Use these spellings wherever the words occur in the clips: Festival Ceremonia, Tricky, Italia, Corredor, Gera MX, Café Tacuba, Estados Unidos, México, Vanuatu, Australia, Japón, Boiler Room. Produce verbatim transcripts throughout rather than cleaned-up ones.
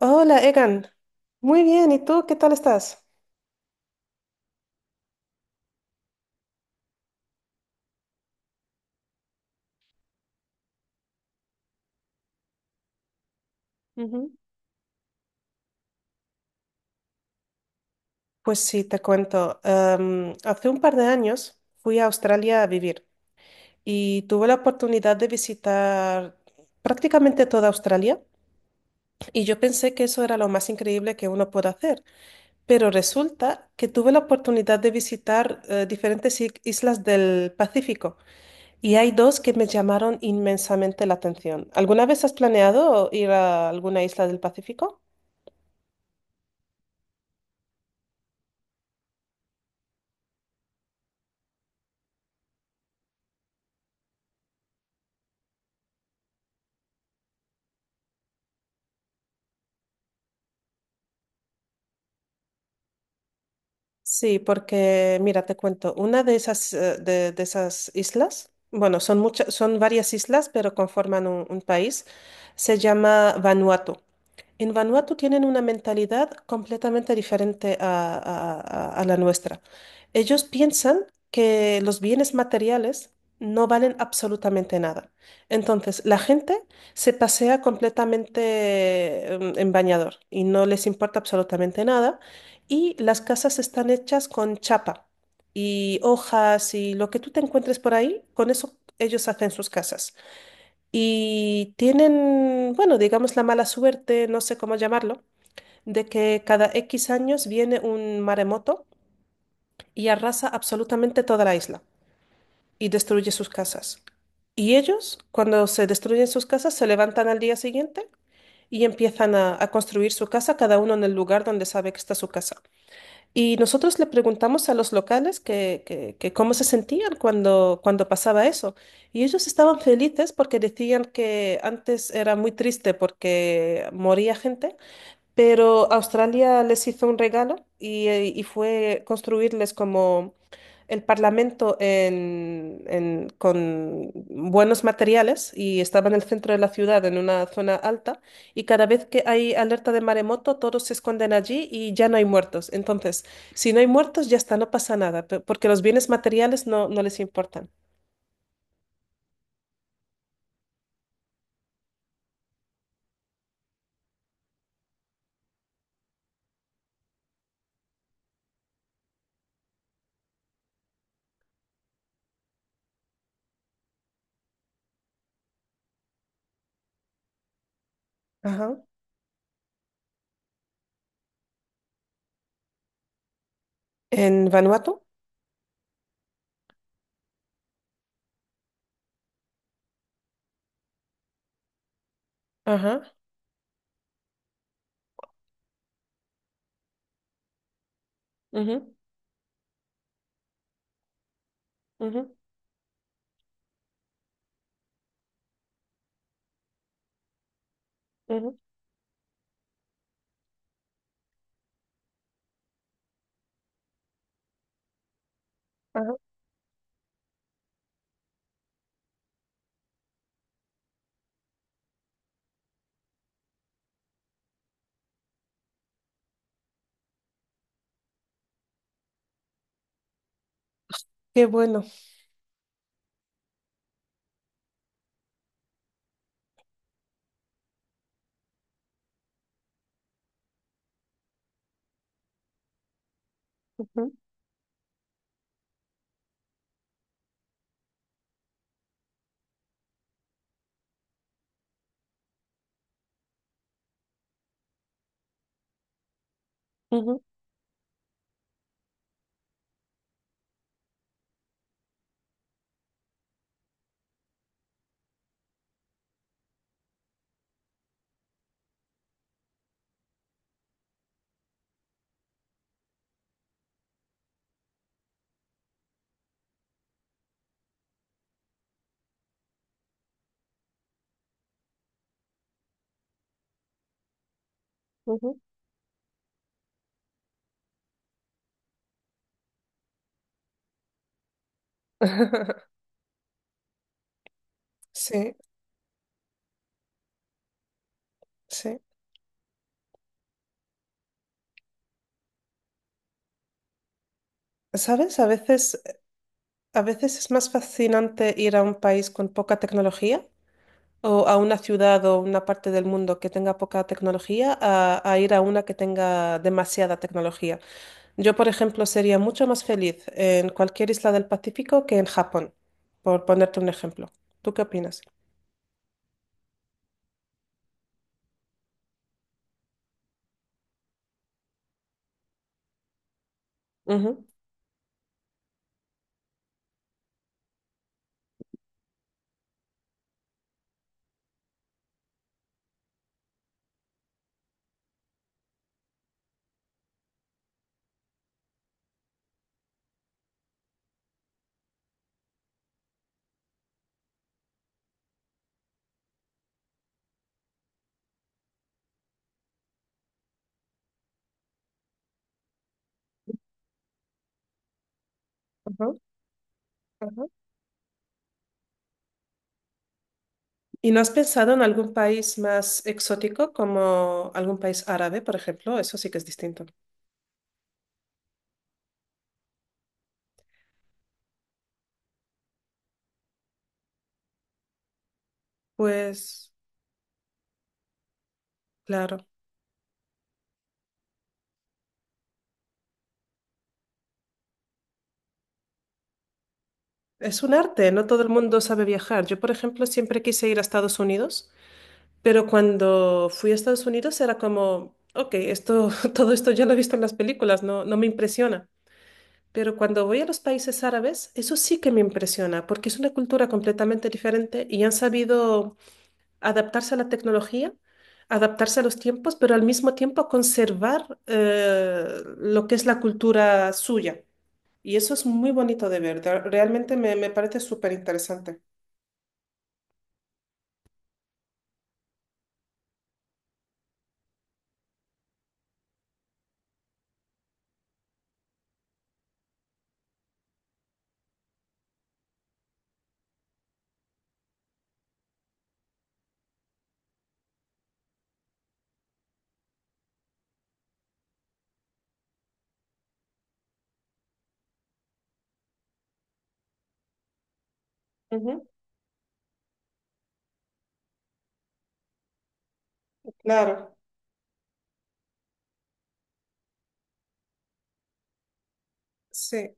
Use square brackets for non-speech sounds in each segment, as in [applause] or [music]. Hola, Egan. Muy bien, ¿y tú qué tal estás? Ujú. Pues sí, te cuento. Em, hace un par de años fui a Australia a vivir y tuve la oportunidad de visitar prácticamente toda Australia y yo pensé que eso era lo más increíble que uno puede hacer, pero resulta que tuve la oportunidad de visitar eh, diferentes i- islas del Pacífico y hay dos que me llamaron inmensamente la atención. ¿Alguna vez has planeado ir a alguna isla del Pacífico? Sí, porque mira, te cuento, una de esas, eh, de, de esas islas, bueno, son muchas, son varias islas, pero conforman un, un país, se llama Vanuatu. En Vanuatu tienen una mentalidad completamente diferente a, a- a- a la nuestra. Ellos piensan que los bienes materiales no valen absolutamente nada. Entonces, la gente se pasea completamente em, en bañador y no les importa absolutamente nada. Y las casas están hechas con chapa y hojas y lo que tú te encuentres por ahí, con eso ellos hacen sus casas. Y tienen, bueno, digamos la mala suerte, no sé cómo llamarlo, de que cada X años viene un maremoto y arrasa absolutamente toda la isla y destruye sus casas. Y ellos, cuando se destruyen sus casas, se levantan al día siguiente y empiezan a, a construir su casa, cada uno en el lugar donde sabe que está su casa. Y nosotros le preguntamos a los locales que, que- que cómo se sentían cuando, cuando pasaba eso. Y ellos estaban felices porque decían que antes era muy triste porque moría gente, pero Australia les hizo un regalo y, eh, y fue construirles como el Parlamento en- en- con buenos materiales y estaba en el centro de la ciudad, en una zona alta, y cada vez que hay alerta de maremoto, todos se esconden allí y ya no hay muertos. Entonces, si no hay muertos, ya está, no pasa nada, pe- porque los bienes materiales no, no les importan. Ajá. En Vanuatu. Ajá. Ujú, ujú, ujú, ajá. Qué bueno. Ujú, ujú, ujú. [laughs] Sí, sí. ¿Sabes? A veces, a veces es más fascinante ir a un país con poca tecnología o a una ciudad o una parte del mundo que tenga poca tecnología a, a ir a una que tenga demasiada tecnología. Yo, por ejemplo, sería mucho más feliz en cualquier isla del Pacífico que en Japón, por ponerte un ejemplo. ¿Tú qué opinas? Ujú, ujú, ujú. ¿Y no has pensado en algún país más exótico como algún país árabe, por ejemplo? Eso sí que es distinto. Pues, claro. Es un arte, no todo el mundo sabe viajar. Yo, por ejemplo, siempre quise ir a Estados Unidos, pero cuando fui a Estados Unidos era como, ok, esto, [laughs] todo esto ya lo he visto en las películas, no, no me impresiona. Pero cuando voy a los países árabes, eso sí que me impresiona, porque es una cultura completamente diferente y han sabido adaptarse a la tecnología, adaptarse a los tiempos, pero al mismo tiempo conservar eh, lo que es la cultura suya. Y eso es muy bonito de ver, de- realmente me, me parece súper interesante. Ujú, claro, sí,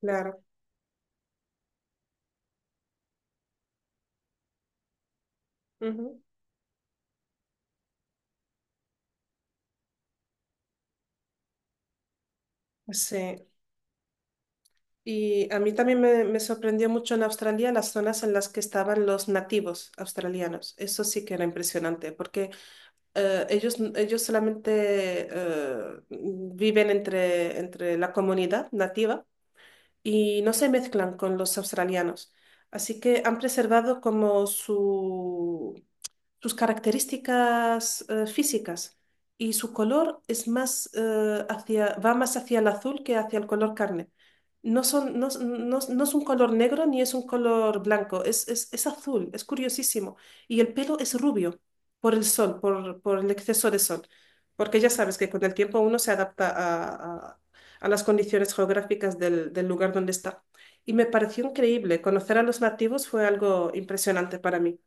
claro. Ujú, sí. Y a mí también me, me sorprendió mucho en Australia las zonas en las que estaban los nativos australianos. Eso sí que era impresionante, porque eh, ellos, ellos solamente eh, viven entre, entre la comunidad nativa y no se mezclan con los australianos. Así que han preservado como su, sus características eh, físicas y su color es más, eh, hacia, va más hacia el azul que hacia el color carne. No son, no, no- no es un color negro ni es un color blanco, es, es, es azul, es curiosísimo. Y el pelo es rubio por el sol, por, por el exceso de sol. Porque ya sabes que con el tiempo uno se adapta a las condiciones geográficas del, del lugar donde está. Y me pareció increíble. Conocer a los nativos fue algo impresionante para mí.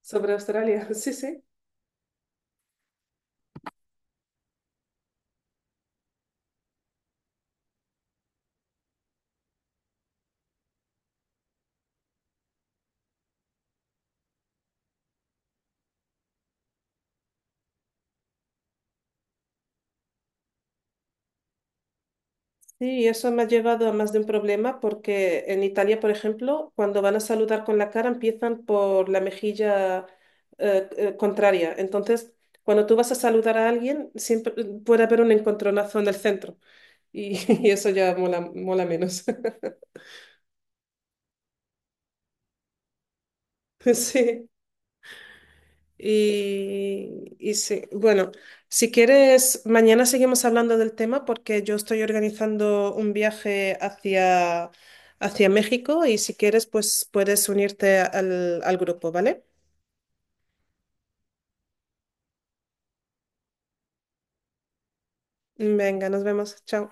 Sobre Australia, [laughs] sí, sí. Sí, eso me ha llevado a más de un problema porque en Italia, por ejemplo, cuando van a saludar con la cara empiezan por la mejilla eh, eh, contraria. Entonces, cuando tú vas a saludar a alguien, siempre mm, puede haber un encontronazo en el centro y, [laughs] y eso ya mola, mola menos. [laughs] Sí. Y, y sí, bueno, si quieres, mañana seguimos hablando del tema porque yo estoy organizando un viaje hacia, hacia México y si quieres, pues puedes unirte al, al grupo, ¿vale? Venga, nos vemos. Chao.